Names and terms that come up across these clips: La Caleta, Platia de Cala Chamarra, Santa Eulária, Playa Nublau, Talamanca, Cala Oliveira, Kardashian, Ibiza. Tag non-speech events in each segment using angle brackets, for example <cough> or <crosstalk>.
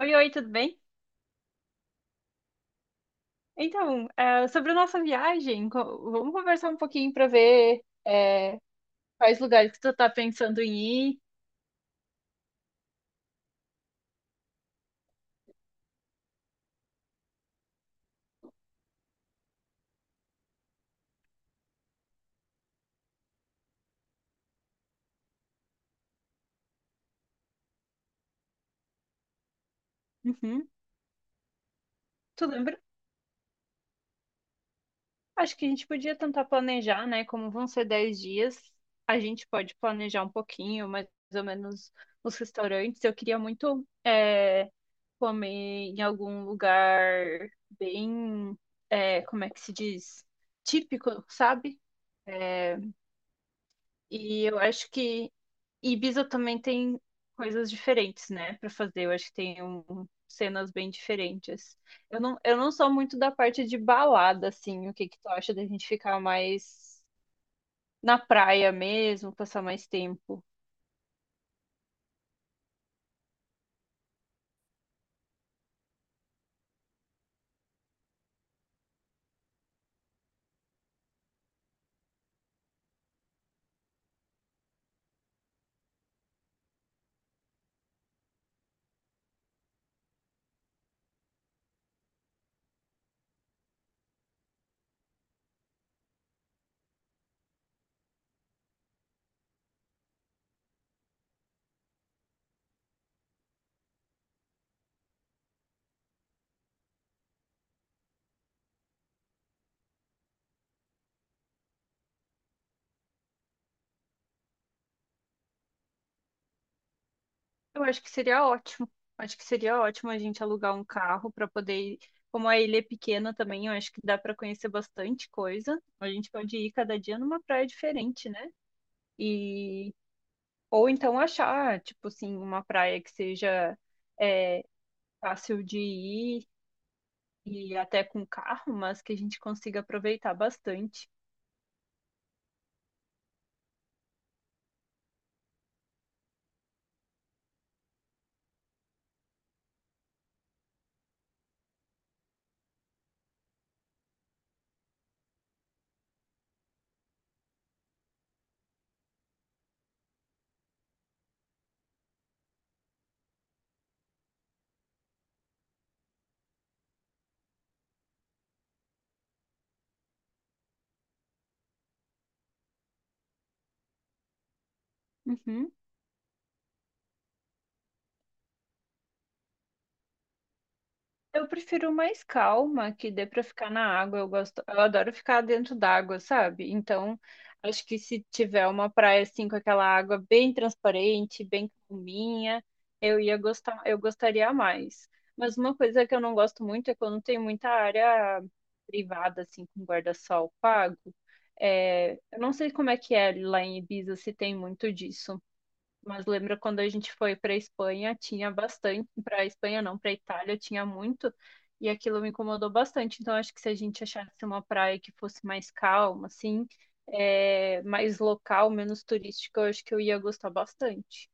Oi, oi, tudo bem? Então, sobre a nossa viagem, vamos conversar um pouquinho para ver quais lugares que tu tá pensando em ir. Uhum. Tu lembra? Acho que a gente podia tentar planejar, né? Como vão ser 10 dias, a gente pode planejar um pouquinho, mais ou menos, os restaurantes. Eu queria muito comer em algum lugar bem, como é que se diz? Típico, sabe? E eu acho que Ibiza também tem coisas diferentes, né, pra fazer. Eu acho que tem cenas bem diferentes. Eu não sou muito da parte de balada, assim. O que que tu acha da gente ficar mais na praia mesmo, passar mais tempo? Eu acho que seria ótimo. Acho que seria ótimo a gente alugar um carro pra poder ir. Como a ilha é pequena também, eu acho que dá pra conhecer bastante coisa. A gente pode ir cada dia numa praia diferente, né? E Ou então achar, tipo assim, uma praia que seja é, fácil de ir e até com carro, mas que a gente consiga aproveitar bastante. Uhum. Eu prefiro mais calma, que dê pra ficar na água. Eu adoro ficar dentro d'água, sabe? Então, acho que se tiver uma praia assim com aquela água bem transparente, bem calminha, eu gostaria mais. Mas uma coisa que eu não gosto muito é quando tem muita área privada assim com guarda-sol pago. É, eu não sei como é que é lá em Ibiza se tem muito disso. Mas lembra quando a gente foi para Espanha, tinha bastante, para Espanha não, para Itália tinha muito, e aquilo me incomodou bastante. Então acho que se a gente achasse uma praia que fosse mais calma, assim, mais local, menos turística, eu acho que eu ia gostar bastante.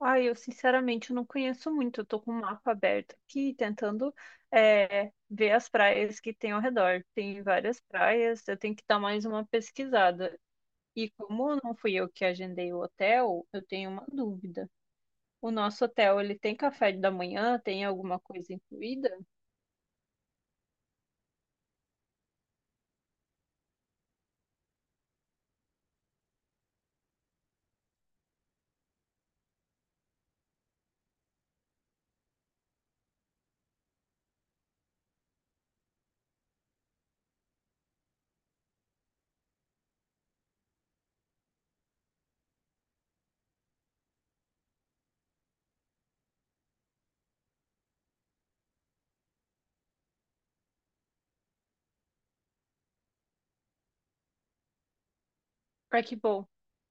Ah, eu sinceramente eu não conheço muito, eu tô com o mapa aberto aqui, tentando ver as praias que tem ao redor. Tem várias praias, eu tenho que dar mais uma pesquisada. E como não fui eu que agendei o hotel, eu tenho uma dúvida. O nosso hotel, ele tem café da manhã? Tem alguma coisa incluída? Ah, que bom,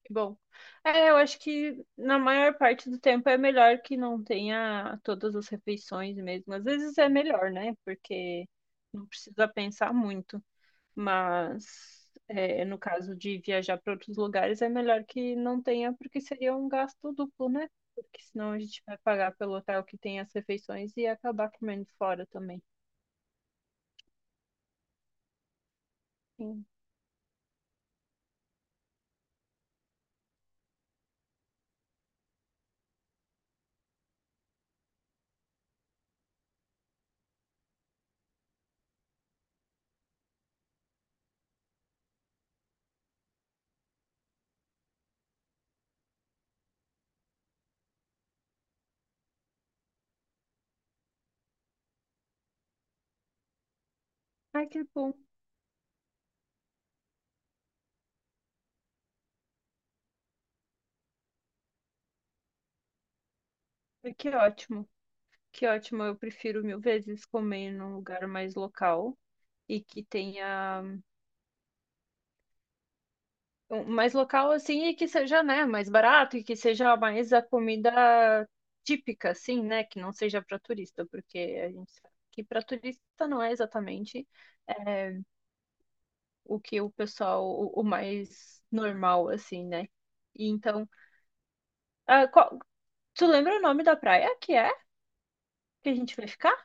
que bom. É, eu acho que na maior parte do tempo é melhor que não tenha todas as refeições mesmo. Às vezes é melhor, né? Porque não precisa pensar muito. Mas é, no caso de viajar para outros lugares, é melhor que não tenha, porque seria um gasto duplo, né? Porque senão a gente vai pagar pelo hotel que tem as refeições e acabar comendo fora também. Sim. Ai, que bom. Ai, que ótimo. Que ótimo, eu prefiro mil vezes comer num lugar mais local e que tenha mais local assim e que seja, né, mais barato e que seja mais a comida típica, assim, né, que não seja para turista, porque a gente sabe que para turista não é exatamente é, o que o pessoal, o mais normal, assim, né? E então, ah, qual- tu lembra o nome da praia que é que a gente vai ficar?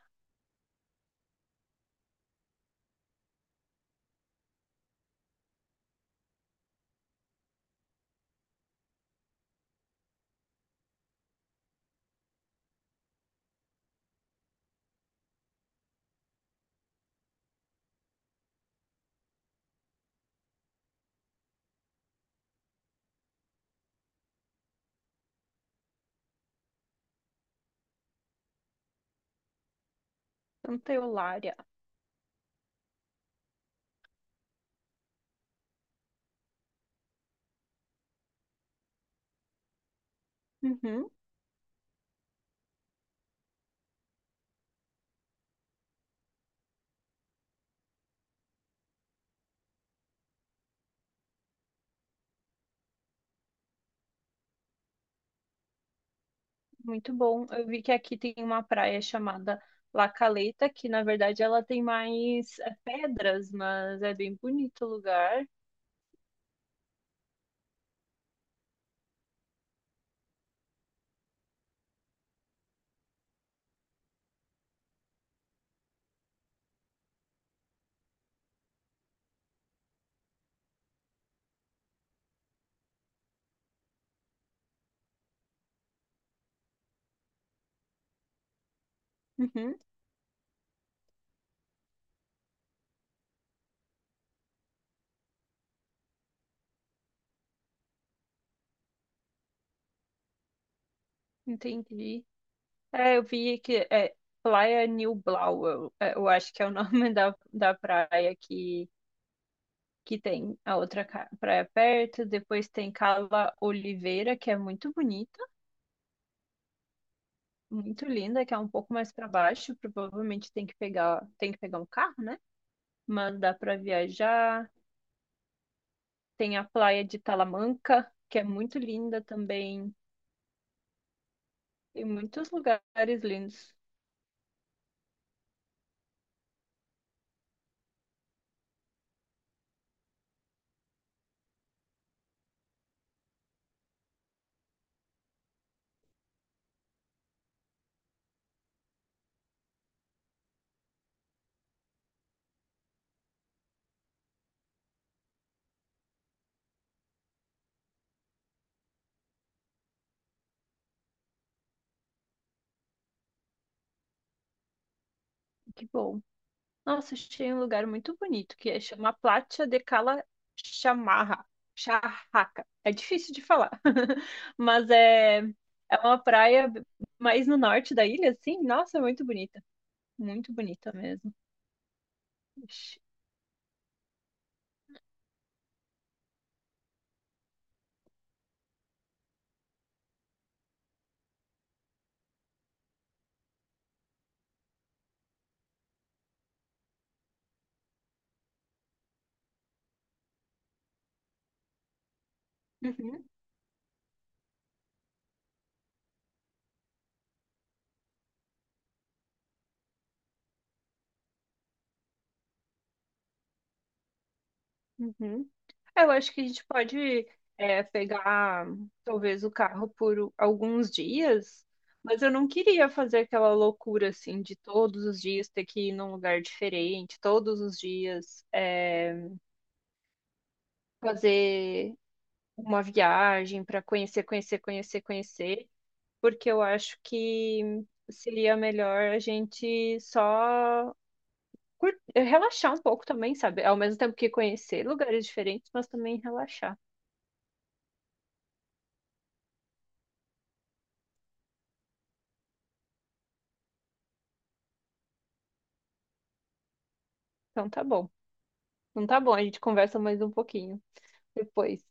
Santa Eulária. Uhum. Muito bom. Eu vi que aqui tem uma praia chamada La Caleta, que na verdade ela tem mais pedras, mas é bem bonito o lugar. Uhum, entendi. É, eu vi que é Playa Nublau, eu acho que é o nome <laughs> da praia que tem a outra praia perto. Depois tem Cala Oliveira, que é muito bonita, muito linda, que é um pouco mais para baixo. Provavelmente tem que pegar um carro, né? Mas dá para viajar. Tem a praia de Talamanca, que é muito linda também. Tem muitos lugares lindos. Que bom. Nossa, achei um lugar muito bonito, que é chama Platia de Cala Chamarra. Charraca. É difícil de falar. <laughs> Mas é, é uma praia mais no norte da ilha, assim. Nossa, é muito bonita. Muito bonita mesmo. Ixi. Uhum, uhum. Eu acho que a gente pode pegar talvez o carro por alguns dias, mas eu não queria fazer aquela loucura assim de todos os dias ter que ir num lugar diferente, todos os dias fazer uma viagem para conhecer, conhecer, conhecer, conhecer, porque eu acho que seria melhor a gente só relaxar um pouco também, sabe? Ao mesmo tempo que conhecer lugares diferentes, mas também relaxar. Então tá bom. Então tá bom, a gente conversa mais um pouquinho depois.